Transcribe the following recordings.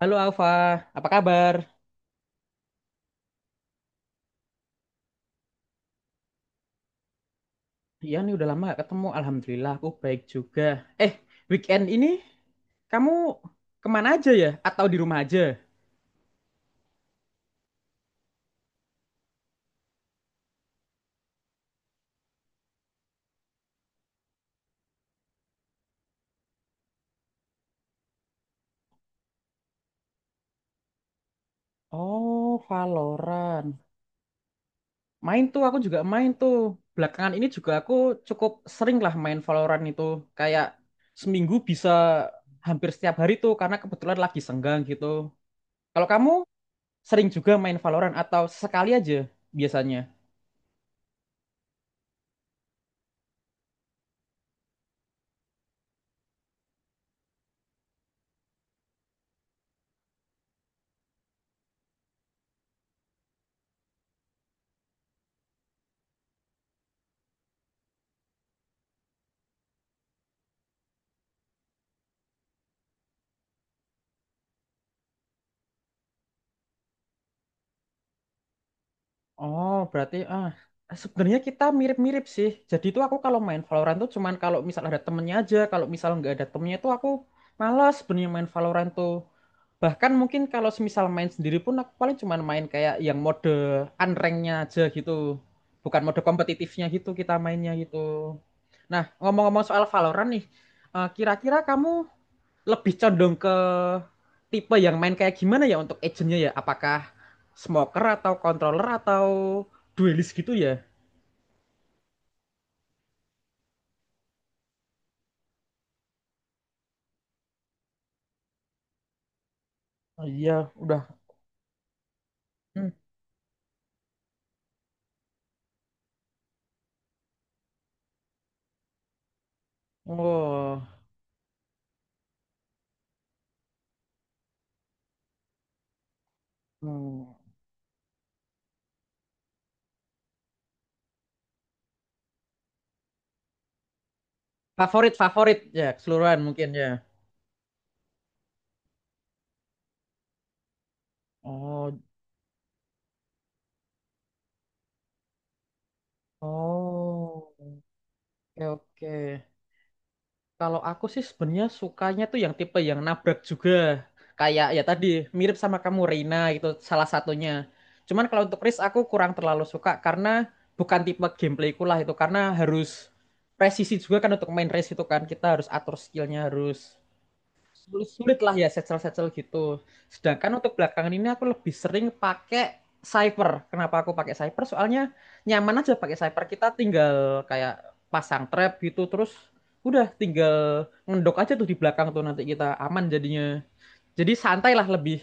Halo Alfa, apa kabar? Iya nih udah lama gak ketemu. Alhamdulillah aku baik juga. Eh, weekend ini kamu kemana aja ya? Atau di rumah aja? Oh, Valorant. Main tuh, aku juga main tuh. Belakangan ini juga aku cukup sering lah main Valorant itu. Kayak seminggu bisa hampir setiap hari tuh karena kebetulan lagi senggang gitu. Kalau kamu sering juga main Valorant atau sekali aja biasanya? Oh, berarti sebenarnya kita mirip-mirip sih. Jadi itu aku kalau main Valorant tuh cuman kalau misal ada temennya aja. Kalau misal nggak ada temennya tuh aku malas sebenarnya main Valorant tuh. Bahkan mungkin kalau semisal main sendiri pun aku paling cuman main kayak yang mode unranknya aja gitu. Bukan mode kompetitifnya gitu kita mainnya gitu. Nah, ngomong-ngomong soal Valorant nih, kira-kira kamu lebih condong ke tipe yang main kayak gimana ya untuk agentnya ya? Apakah smoker atau controller atau duelist gitu ya? Oh, iya, udah. Hmm. Oh. Hmm. Favorit favorit ya keseluruhan mungkin ya. Oh, oh, oke oke. Kalau aku sih sebenarnya sukanya tuh yang tipe yang nabrak juga. Kayak ya tadi mirip sama kamu Reina gitu salah satunya. Cuman kalau untuk Riz aku kurang terlalu suka karena bukan tipe gameplayku lah itu karena harus presisi juga kan untuk main race itu kan kita harus atur skillnya harus sulit lah ya setsel-setsel gitu. Sedangkan untuk belakangan ini aku lebih sering pakai Cypher. Kenapa aku pakai Cypher? Soalnya nyaman aja pakai Cypher. Kita tinggal kayak pasang trap gitu terus udah tinggal ngendok aja tuh di belakang tuh nanti kita aman jadinya. Jadi santai lah lebih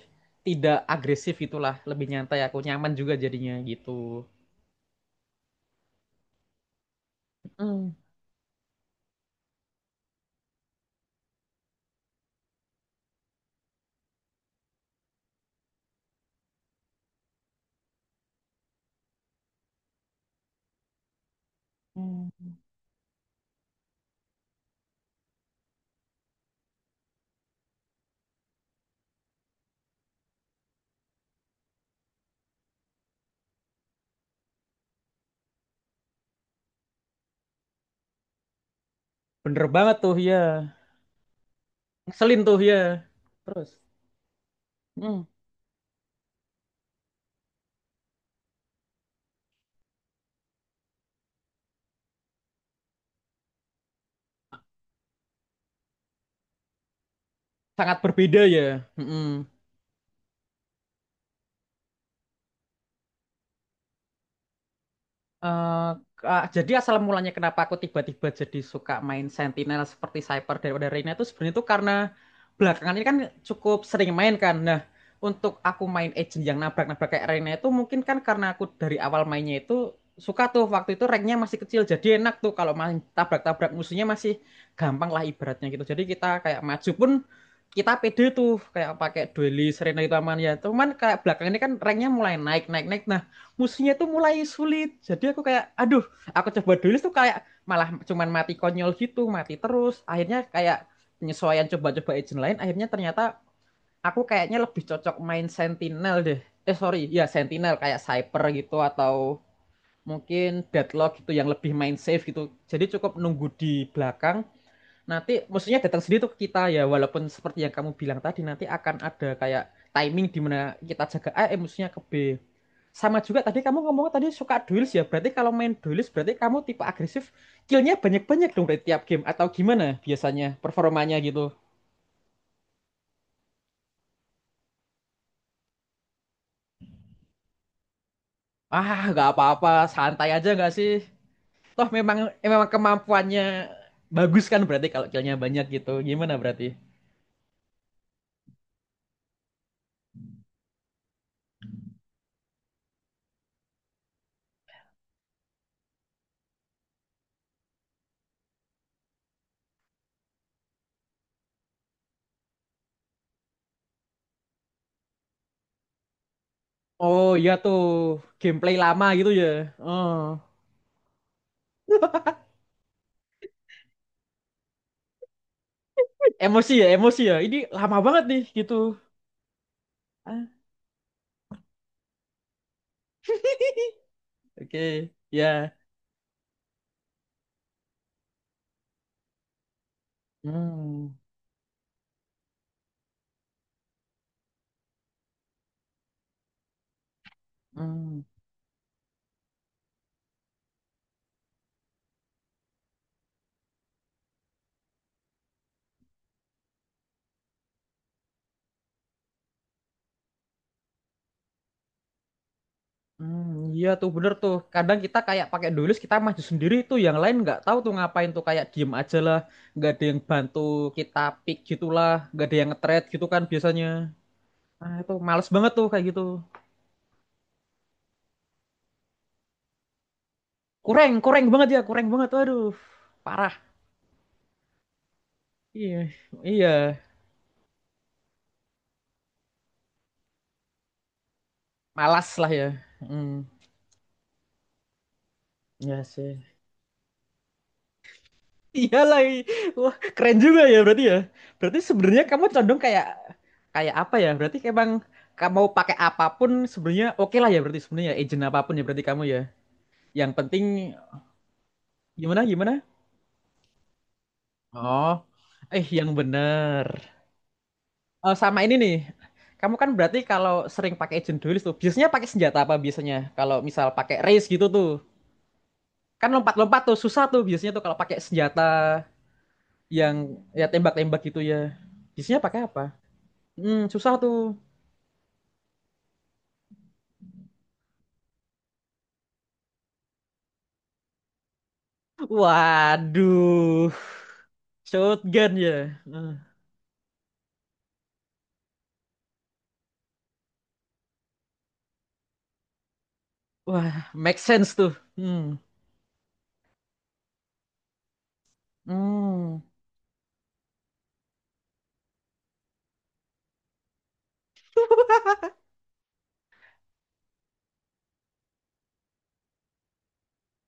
tidak agresif itulah lebih nyantai aku nyaman juga jadinya gitu. Mm. Hmm. Bener banget tuh ya. Ngeselin tuh ya. Terus. Mm. Sangat berbeda ya. Mm-mm. Eh, jadi asal mulanya kenapa aku tiba-tiba jadi suka main Sentinel seperti Cyper daripada Reyna itu sebenarnya itu karena belakangan ini kan cukup sering main kan. Nah, untuk aku main agent yang nabrak-nabrak kayak Reyna itu mungkin kan karena aku dari awal mainnya itu suka tuh waktu itu ranknya masih kecil jadi enak tuh kalau main tabrak-tabrak musuhnya masih gampang lah ibaratnya gitu. Jadi kita kayak maju pun kita pede tuh kayak pakai duelist Reyna gitu aman ya. Cuman kayak belakangan ini kan ranknya mulai naik naik naik musuhnya tuh mulai sulit. Jadi aku kayak, aduh, aku coba dulu tuh kayak malah cuman mati konyol gitu, mati terus. Akhirnya kayak penyesuaian coba-coba agent lain, akhirnya ternyata aku kayaknya lebih cocok main Sentinel deh. Eh sorry, ya Sentinel kayak Cyper gitu atau mungkin Deadlock gitu yang lebih main safe gitu. Jadi cukup nunggu di belakang, nanti maksudnya datang sendiri tuh ke kita ya walaupun seperti yang kamu bilang tadi nanti akan ada kayak timing di mana kita jaga A, eh musuhnya ke B. Sama juga tadi kamu ngomong tadi suka duels ya. Berarti kalau main duels berarti kamu tipe agresif. Killnya banyak-banyak dong dari tiap game. Atau gimana biasanya performanya gitu? Ah nggak apa-apa. Santai aja nggak sih? Toh memang memang kemampuannya bagus kan berarti kalau killnya banyak gitu. Gimana berarti? Oh iya tuh. Gameplay lama gitu ya. Oh. Emosi ya, emosi ya. Ini lama banget nih gitu. Ah. Oke, ya. Hmm. Hmm. Hmm, iya tuh bener tuh. Kadang kita kayak pakai dulus kita maju sendiri tuh, yang lain nggak tahu tuh ngapain tuh kayak diem aja lah, nggak ada yang bantu kita pick gitulah, nggak ada yang nge-thread gitu kan biasanya. Ah itu males banget tuh kayak gitu. Kurang banget ya, kurang banget. Aduh, parah. Iya, iya, malas lah ya. Hmm, iya sih. Iya lagi. Wah, keren juga ya. Berarti sebenarnya kamu condong kayak kayak apa ya? Berarti emang kamu mau pakai apapun sebenarnya oke lah ya berarti sebenarnya agent apapun ya berarti kamu ya. Yang penting gimana gimana? Oh, eh yang bener. Oh, sama ini nih. Kamu kan berarti kalau sering pakai agent duelist tuh, biasanya pakai senjata apa biasanya? Kalau misal pakai race gitu tuh. Kan lompat-lompat tuh susah tuh biasanya tuh kalau pakai senjata yang ya tembak-tembak gitu ya. Biasanya pakai apa? Hmm, susah tuh. Waduh, shotgun ya. Eh. Wah, make sense tuh. Hmm. Hmm.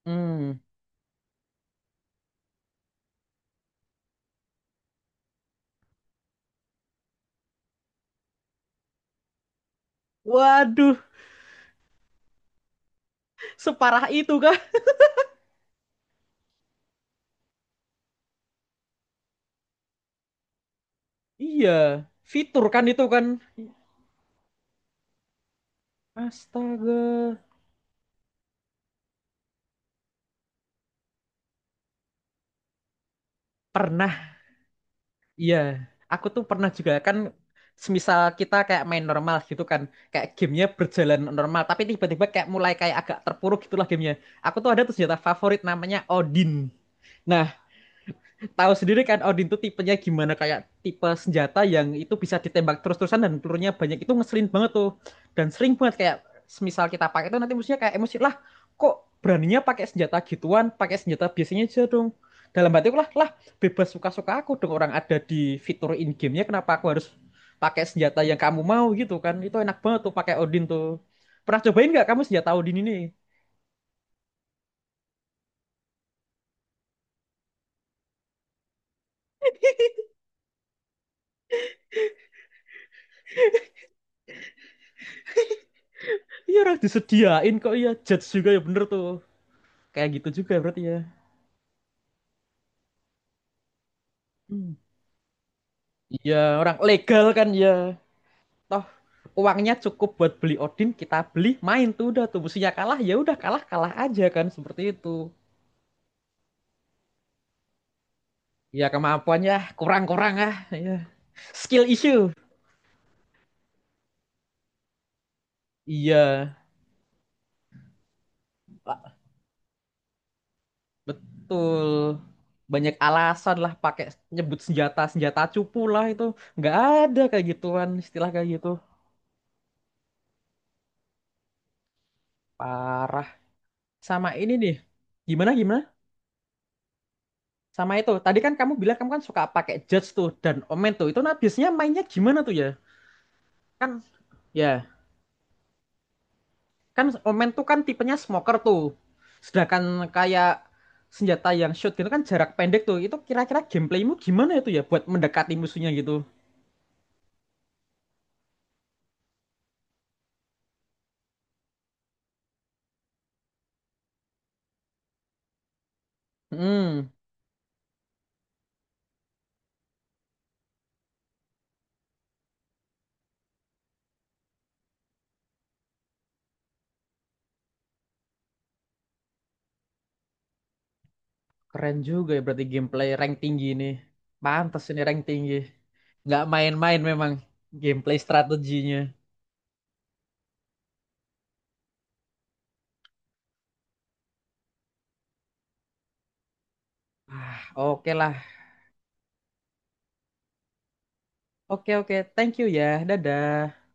Hmm. Waduh, separah itu kah? Iya, fitur kan itu kan. Astaga. Pernah, iya. Aku tuh pernah juga kan semisal kita kayak main normal gitu kan. Kayak gamenya berjalan normal, tapi tiba-tiba kayak mulai kayak agak terpuruk gitulah gamenya. Aku tuh ada tuh senjata favorit namanya Odin. Nah, tahu sendiri kan Odin tuh tipenya gimana kayak tipe senjata yang itu bisa ditembak terus-terusan dan pelurunya banyak itu ngeselin banget tuh dan sering banget kayak semisal kita pakai itu nanti musuhnya kayak emosi lah kok beraninya pakai senjata gituan pakai senjata biasanya aja dong dalam hatiku lah lah bebas suka-suka aku dong orang ada di fitur in gamenya kenapa aku harus pakai senjata yang kamu mau gitu kan itu enak banget tuh pakai Odin tuh pernah cobain nggak kamu senjata Odin ini iya orang disediain kok iya judge juga ya bener tuh kayak gitu juga berarti ya. Hmm. Iya, orang legal kan ya. Toh uangnya cukup buat beli Odin, kita beli, main tuh udah tuh musuhnya kalah ya udah kalah-kalah aja kan seperti itu. Iya, kemampuannya kurang-kurang ah. Iya. Skill issue. Iya, Pak. Betul. Banyak alasan lah pakai nyebut senjata senjata cupu lah itu. Nggak ada kayak gituan istilah kayak gitu. Parah. Sama ini nih. Gimana gimana? Sama itu. Tadi kan kamu bilang kamu kan suka pakai judge tuh dan omen tuh. Itu nah biasanya mainnya gimana tuh ya? Kan ya kan omen tuh kan tipenya smoker tuh sedangkan kayak senjata yang shoot gitu kan jarak pendek tuh itu kira-kira gameplaymu gimana itu ya buat mendekati musuhnya gitu. Hmm. Keren juga ya berarti gameplay rank tinggi ini pantas ini rank tinggi nggak main-main memang gameplay strateginya ah oke lah oke oke thank you ya dadah.